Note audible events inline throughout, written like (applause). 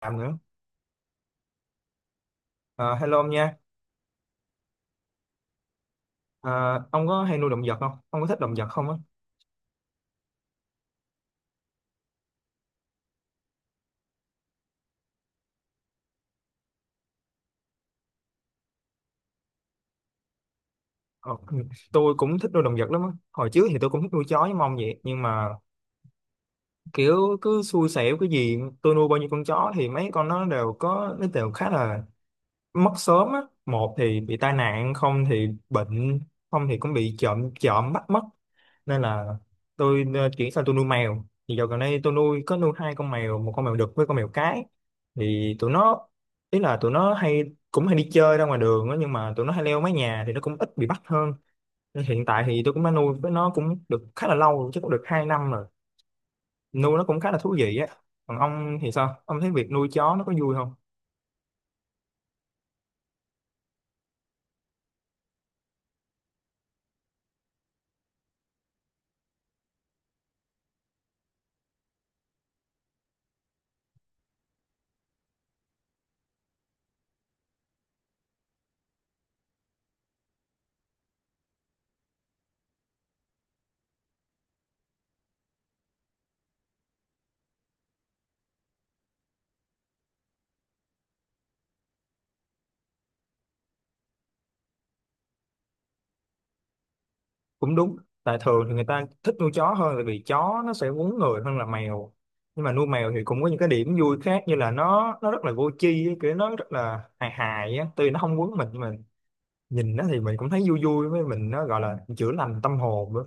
Làm nữa. Ờ, Hello ông nha. Ờ, ông có hay nuôi động vật không, ông có thích động vật không á? Ờ, tôi cũng thích nuôi động vật lắm á. Hồi trước thì tôi cũng thích nuôi chó với mong vậy, nhưng mà kiểu cứ xui xẻo, cái gì tôi nuôi bao nhiêu con chó thì mấy con nó đều khá là mất sớm á, một thì bị tai nạn, không thì bệnh, không thì cũng bị trộm trộm bắt mất. Nên là tôi chuyển sang tôi nuôi mèo. Thì dạo gần đây tôi nuôi hai con mèo, một con mèo đực với con mèo cái. Thì tụi nó, ý là tụi nó hay cũng hay đi chơi ra ngoài đường á, nhưng mà tụi nó hay leo mái nhà thì nó cũng ít bị bắt hơn. Nên hiện tại thì tôi cũng đã nuôi với nó cũng được khá là lâu rồi, chắc cũng được 2 năm rồi. Nuôi nó cũng khá là thú vị á. Còn ông thì sao, ông thấy việc nuôi chó nó có vui không? Cũng đúng, tại thường thì người ta thích nuôi chó hơn tại vì chó nó sẽ quấn người hơn là mèo. Nhưng mà nuôi mèo thì cũng có những cái điểm vui khác, như là nó rất là vô tri ấy, kiểu nó rất là hài hài á, tuy nó không quấn mình nhưng mà nhìn nó thì mình cũng thấy vui vui, với mình nó gọi là chữa lành tâm hồn nữa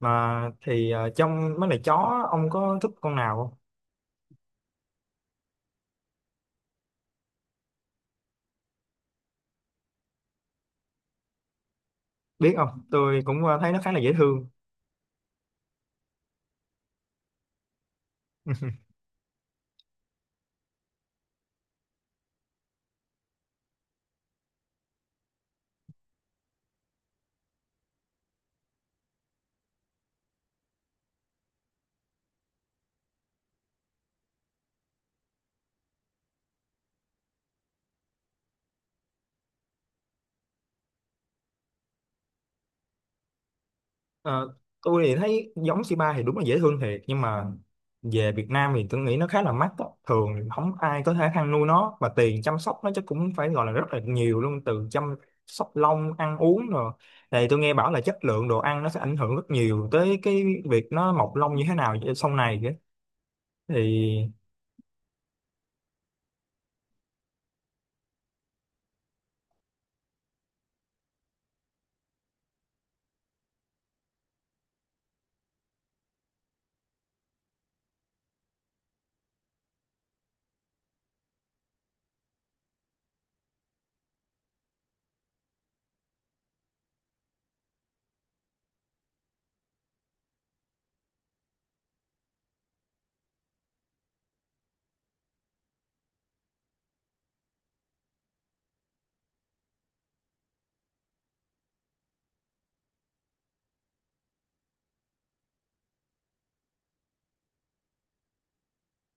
mà. Thì trong mấy lại chó ông có thích con nào không? Biết không, tôi cũng thấy nó khá là dễ thương. Ờ, tôi thì thấy giống c ba thì đúng là dễ thương thiệt, nhưng mà về Việt Nam thì tôi nghĩ nó khá là mắc đó. Thường thì không ai có thể ăn nuôi nó, và tiền chăm sóc nó chắc cũng phải gọi là rất là nhiều luôn, từ chăm sóc lông, ăn uống rồi, thì tôi nghe bảo là chất lượng đồ ăn nó sẽ ảnh hưởng rất nhiều tới cái việc nó mọc lông như thế nào sau này kìa. Thì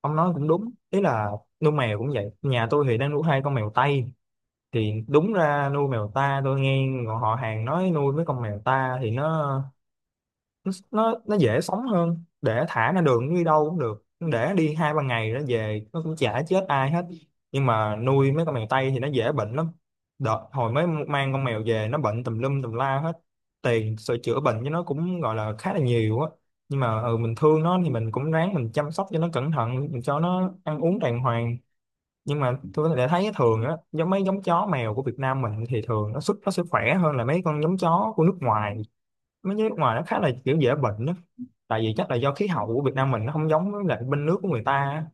ông nói cũng đúng, ý là nuôi mèo cũng vậy. Nhà tôi thì đang nuôi hai con mèo Tây. Thì đúng ra nuôi mèo ta, tôi nghe họ hàng nói nuôi mấy con mèo ta thì nó dễ sống hơn, để thả ra đường nó đi đâu cũng được, nó để đi 2-3 ngày nó về nó cũng chả chết ai hết. Nhưng mà nuôi mấy con mèo Tây thì nó dễ bệnh lắm. Đợt hồi mới mang con mèo về nó bệnh tùm lum tùm la hết, tiền sửa chữa bệnh cho nó cũng gọi là khá là nhiều á. Nhưng mà ừ, mình thương nó thì mình cũng ráng mình chăm sóc cho nó cẩn thận, mình cho nó ăn uống đàng hoàng. Nhưng mà tôi có thể thấy thường á, giống mấy giống chó mèo của Việt Nam mình thì thường sức nó sẽ khỏe hơn là mấy con giống chó của nước ngoài. Mấy giống nước ngoài nó khá là kiểu dễ bệnh á, tại vì chắc là do khí hậu của Việt Nam mình nó không giống với lại bên nước của người ta á.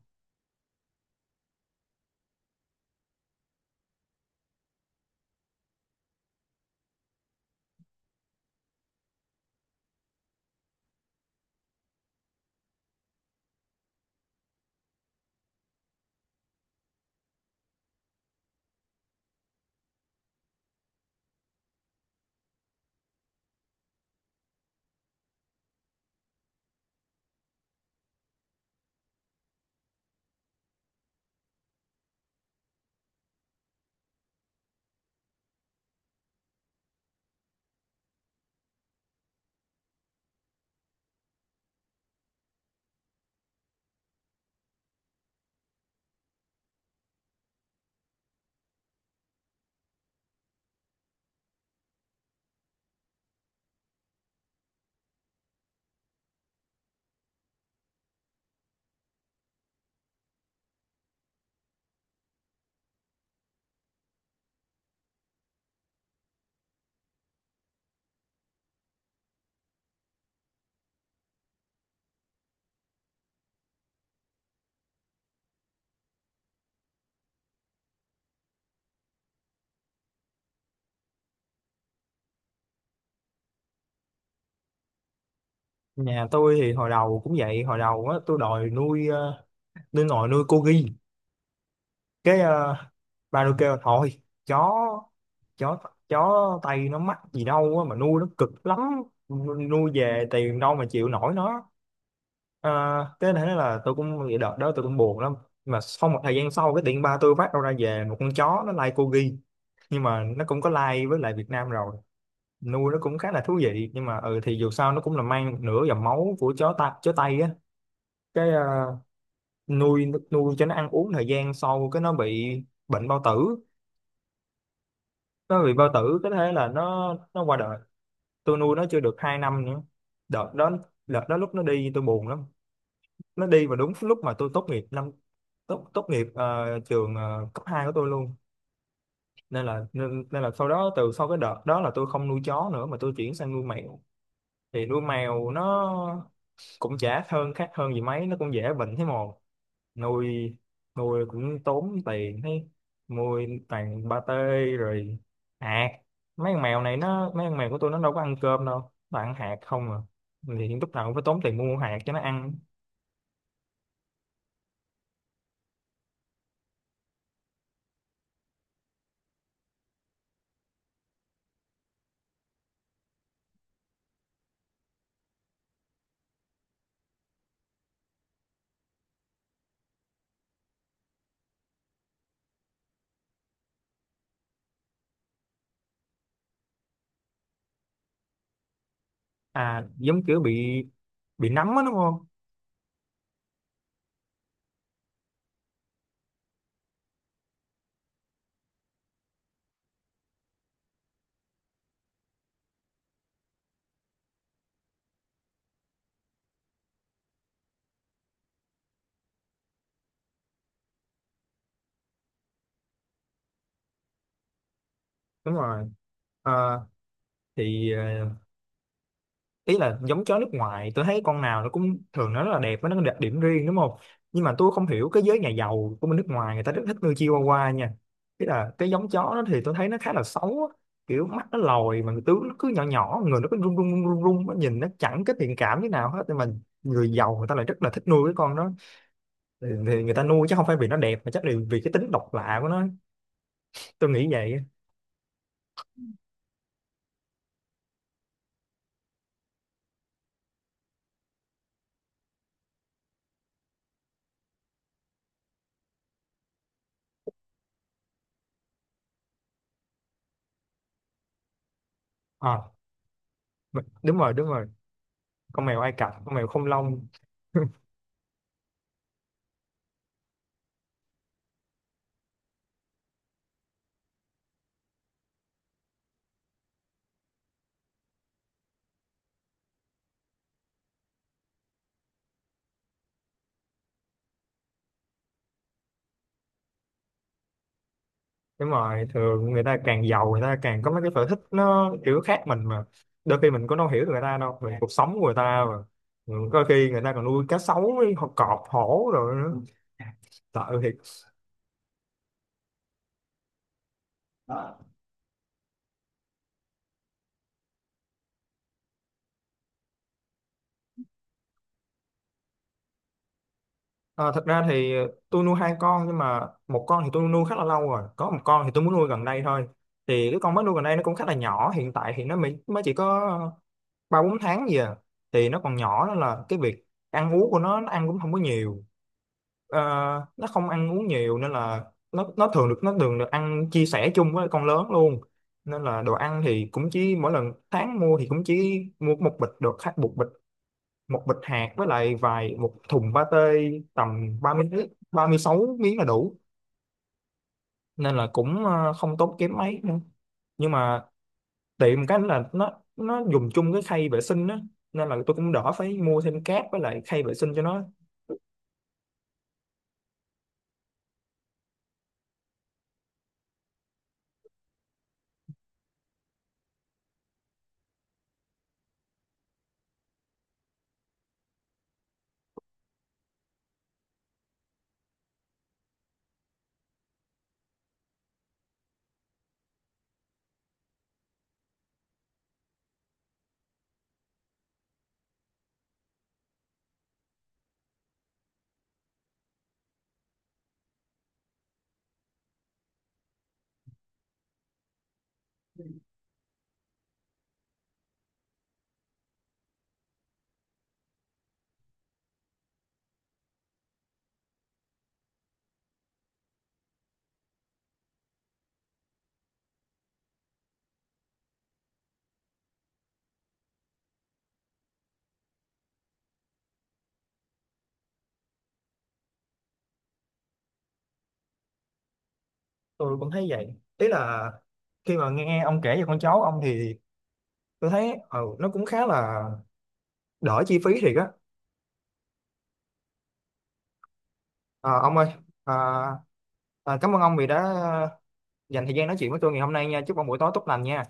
Nhà tôi thì hồi đầu cũng vậy. Hồi đầu á, tôi đòi nuôi nuôi nồi nuôi cô ghi. Cái ba tôi kêu thôi, chó chó chó Tây nó mắc gì đâu á, mà nuôi nó cực lắm, nuôi về tiền đâu mà chịu nổi nó. Ờ, cái thế là tôi cũng vậy, đợt đó tôi cũng buồn lắm. Mà sau một thời gian sau, cái tiện ba tôi phát đâu ra về một con chó, nó lai like corgi, nhưng mà nó cũng có lai like với lại Việt Nam rồi. Nuôi nó cũng khá là thú vị, nhưng mà ừ thì dù sao nó cũng là mang một nửa dòng máu của chó ta chó Tây á. Cái nuôi nuôi cho nó ăn uống thời gian sau, cái nó bị bệnh bao tử. Nó bị bao tử cái thế là nó qua đời. Tôi nuôi nó chưa được 2 năm nữa. Đợt đó, đợt đó lúc nó đi tôi buồn lắm. Nó đi vào đúng lúc mà tôi tốt nghiệp năm tốt tốt nghiệp trường cấp 2 của tôi luôn. Nên là nên là sau đó, từ sau cái đợt đó là tôi không nuôi chó nữa mà tôi chuyển sang nuôi mèo. Thì nuôi mèo nó cũng chả khác hơn gì mấy, nó cũng dễ bệnh thế mồ. Nuôi nuôi cũng tốn tiền thế, mua toàn ba tê, rồi hạt. Mấy con mèo này nó, mấy con mèo của tôi nó đâu có ăn cơm đâu, nó ăn hạt không à. Thì lúc nào cũng phải tốn tiền mua hạt cho nó ăn. À, giống kiểu bị nấm á đúng không? Đúng rồi. Ờ, thì ý là giống chó nước ngoài tôi thấy con nào nó cũng thường nó rất là đẹp, với nó có đặc điểm riêng đúng không. Nhưng mà tôi không hiểu cái giới nhà giàu của bên nước ngoài người ta rất thích nuôi Chihuahua nha. Ý là cái giống chó đó thì tôi thấy nó khá là xấu á. Kiểu mắt nó lồi mà tướng nó cứ nhỏ nhỏ, người nó cứ rung rung rung rung rung, nó nhìn nó chẳng cái thiện cảm như nào hết. Nhưng mà người giàu người ta lại rất là thích nuôi cái con đó. Thì người ta nuôi chứ không phải vì nó đẹp, mà chắc là vì cái tính độc lạ của nó, tôi nghĩ vậy. À, đúng rồi, đúng rồi, con mèo Ai Cập, con mèo không lông. (laughs) Đúng rồi, thường người ta càng giàu người ta càng có mấy cái sở thích nó kiểu khác mình mà, đôi khi mình cũng đâu hiểu được người ta đâu, về cuộc sống của người ta mà. Ừ, có khi người ta còn nuôi cá sấu với họ cọp hổ rồi nữa, sợ thiệt. À, thật ra thì tôi nuôi hai con, nhưng mà một con thì tôi nuôi khá là lâu rồi, có một con thì tôi muốn nuôi gần đây thôi. Thì cái con mới nuôi gần đây nó cũng khá là nhỏ, hiện tại thì nó mới mới chỉ có 3-4 tháng gì à. Thì nó còn nhỏ nên là cái việc ăn uống của nó ăn cũng không có nhiều. Ờ, nó không ăn uống nhiều nên là nó thường được ăn chia sẻ chung với con lớn luôn. Nên là đồ ăn thì cũng chỉ mỗi lần tháng mua thì cũng chỉ mua một bịch hạt, với lại vài một thùng pate, tầm ba ba mươi 36 miếng là đủ. Nên là cũng không tốn kém mấy nữa. Nhưng mà tiệm cái là nó dùng chung cái khay vệ sinh á, nên là tôi cũng đỡ phải mua thêm cát với lại khay vệ sinh cho nó. Tôi cũng thấy vậy, ý là khi mà nghe ông kể về con cháu ông thì tôi thấy ừ, nó cũng khá là đỡ chi phí thiệt á. Ờ, ông ơi, à, cảm ơn ông vì đã dành thời gian nói chuyện với tôi ngày hôm nay nha, chúc ông buổi tối tốt lành nha.